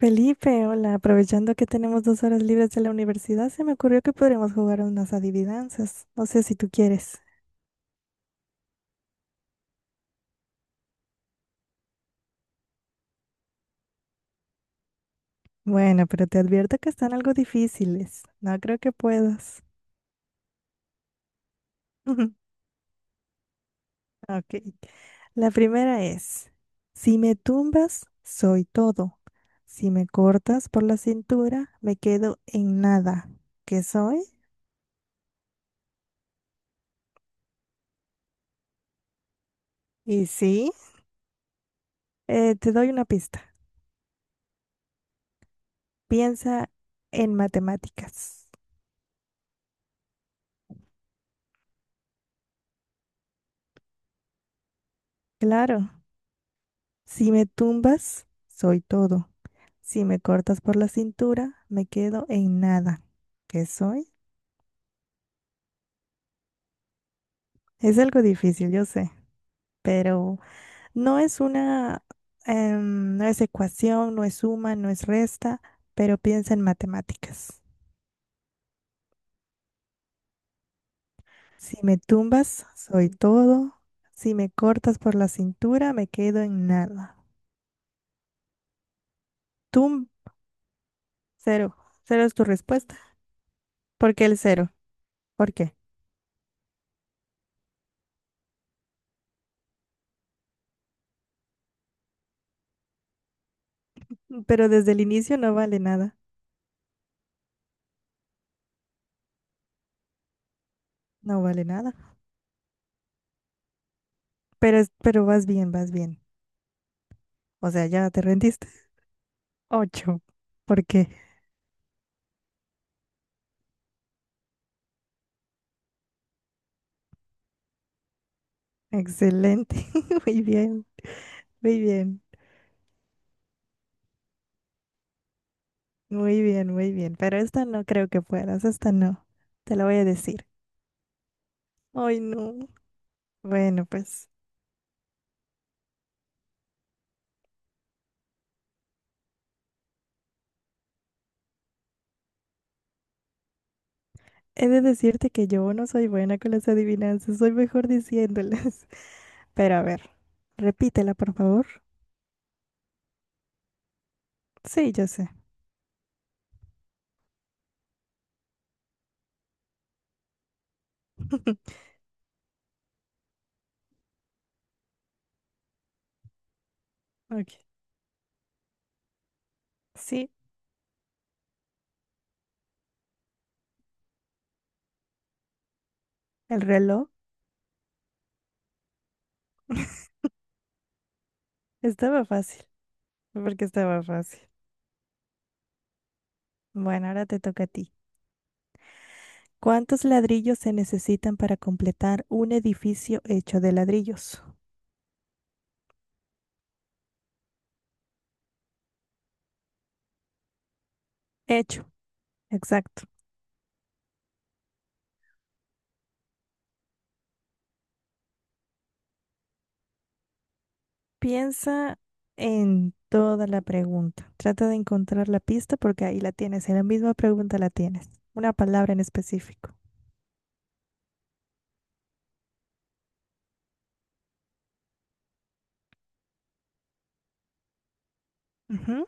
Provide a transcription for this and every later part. Felipe, hola, aprovechando que tenemos dos horas libres de la universidad, se me ocurrió que podríamos jugar a unas adivinanzas. No sé si tú quieres. Bueno, pero te advierto que están algo difíciles. No creo que puedas. Ok. La primera es, si me tumbas, soy todo. Si me cortas por la cintura, me quedo en nada. ¿Qué soy? Y sí, te doy una pista. Piensa en matemáticas. Claro. Si me tumbas, soy todo. Si me cortas por la cintura, me quedo en nada. ¿Qué soy? Es algo difícil, yo sé, pero no es una, no es ecuación, no es suma, no es resta, pero piensa en matemáticas. Si me tumbas, soy todo. Si me cortas por la cintura, me quedo en nada. Tum, cero. Cero es tu respuesta. ¿Por qué el cero? ¿Por qué? Pero desde el inicio no vale nada. No vale nada. Pero, pero vas bien, vas bien. O sea, ya te rendiste. Ocho. ¿Por qué? Excelente. Muy bien, muy bien, muy bien, muy bien. Pero esta no creo que puedas, esta no. Te la voy a decir. Ay, no. Bueno, pues he de decirte que yo no soy buena con las adivinanzas, soy mejor diciéndolas. Pero a ver, repítela, por favor. Sí, yo sé. Ok. Sí, el reloj. Estaba fácil, porque estaba fácil. Bueno, ahora te toca a ti. ¿Cuántos ladrillos se necesitan para completar un edificio hecho de ladrillos? Hecho, exacto. Piensa en toda la pregunta. Trata de encontrar la pista porque ahí la tienes. En la misma pregunta la tienes. Una palabra en específico. Ujú.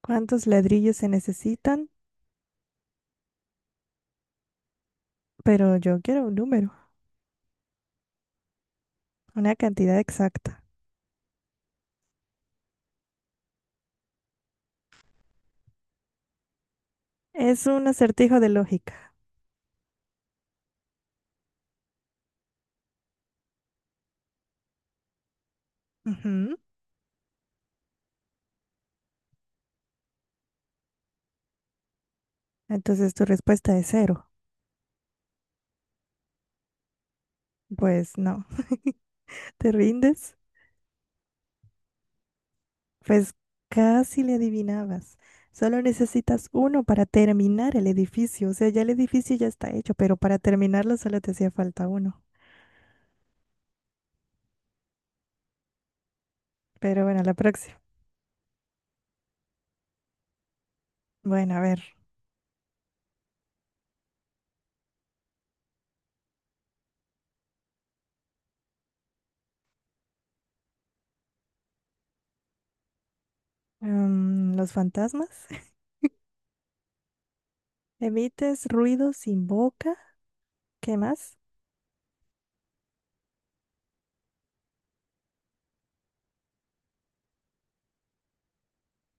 ¿Cuántos ladrillos se necesitan? Pero yo quiero un número, una cantidad exacta. Es un acertijo de lógica. Ujú. Entonces tu respuesta es cero. Pues no. ¿Te rindes? Pues casi le adivinabas. Solo necesitas uno para terminar el edificio. O sea, ya el edificio ya está hecho, pero para terminarlo solo te hacía falta uno. Pero bueno, la próxima. Bueno, a ver. Los fantasmas. Emites ruido sin boca. ¿Qué más?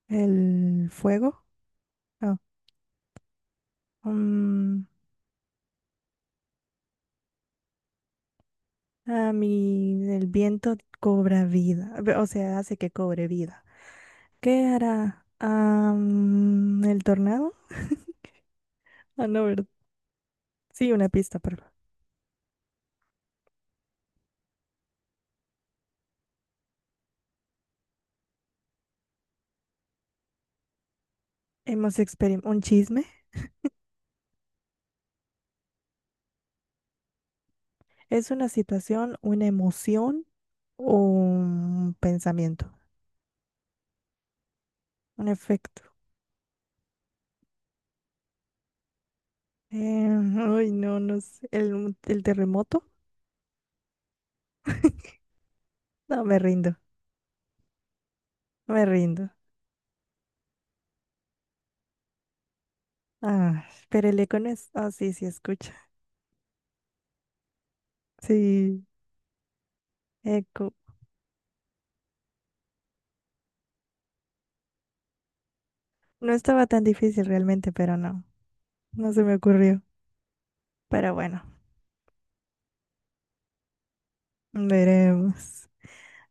El fuego. Oh, mm, a mí el viento cobra vida. O sea, hace que cobre vida. ¿Qué hará? Ah, el tornado. Ah, no, ¿verdad? Sí, una pista, perdón. Hemos experimentado un chisme. Es una situación, una emoción o un pensamiento, un efecto. Eh, ay, no, no sé. El terremoto. No, me rindo, me rindo. Ah, pero el eco no es. Ah, sí, sí, escucha. Sí, eco. No estaba tan difícil realmente, pero no. No se me ocurrió. Pero bueno, veremos.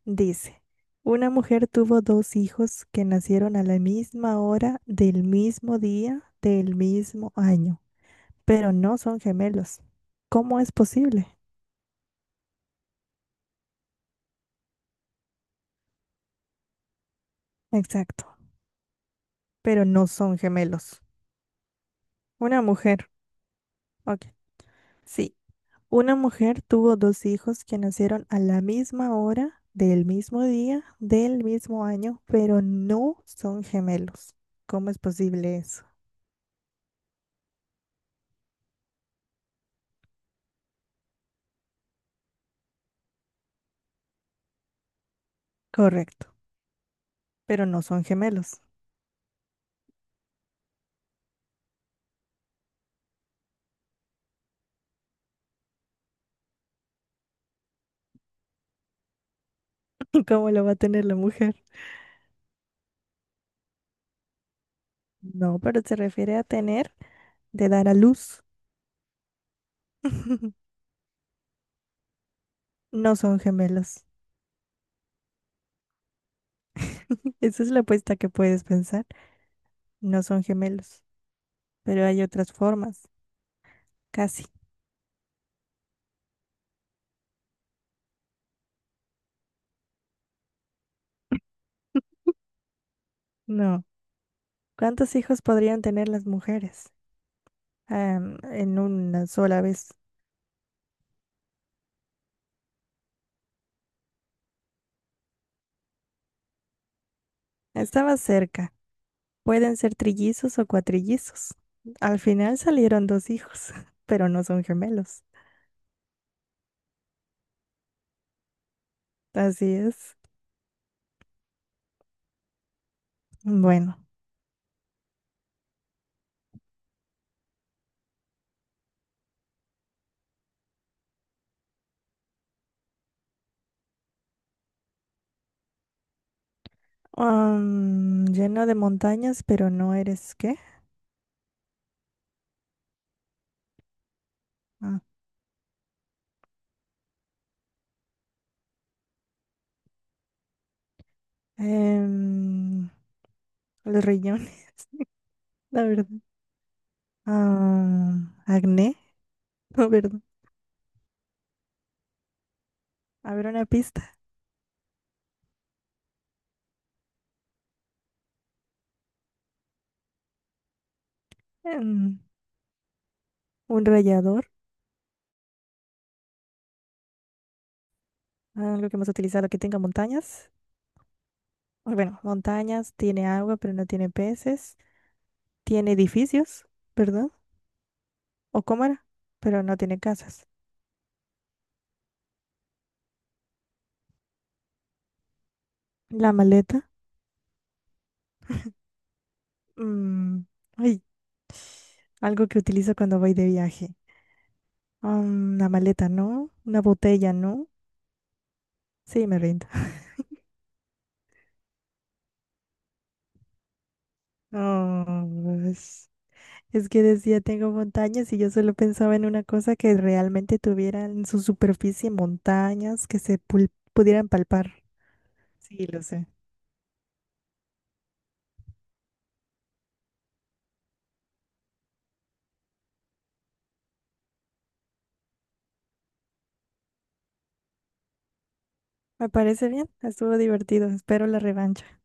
Dice, una mujer tuvo dos hijos que nacieron a la misma hora, del mismo día, del mismo año, pero no son gemelos. ¿Cómo es posible? Exacto, pero no son gemelos. Una mujer, ok. Sí, una mujer tuvo dos hijos que nacieron a la misma hora, del mismo día, del mismo año, pero no son gemelos. ¿Cómo es posible eso? Correcto, pero no son gemelos. ¿Cómo lo va a tener la mujer? No, pero se refiere a tener de dar a luz. No son gemelos. Esa es la apuesta que puedes pensar. No son gemelos, pero hay otras formas. Casi. No. ¿Cuántos hijos podrían tener las mujeres? Am, en una sola vez. Estaba cerca. Pueden ser trillizos o cuatrillizos. Al final salieron dos hijos, pero no son gemelos. Así es. Bueno. Am, lleno de montañas, pero no eres ¿qué? Ah, Em, los riñones, la verdad. Ah, acné, no, verdad. A ver, una pista. Em, un rallador, algo que hemos utilizado que tenga montañas. O bueno, montañas, tiene agua, pero no tiene peces. Tiene edificios, ¿verdad? O cámara, pero no tiene casas. La maleta. mm, ay, algo que utilizo cuando voy de viaje. Ah, una maleta, ¿no? Una botella, ¿no? Sí, me rindo. Ah, es que decía tengo montañas y yo solo pensaba en una cosa que realmente tuviera en su superficie montañas que se pudieran palpar. Sí, lo sé. Me parece bien, estuvo divertido, espero la revancha.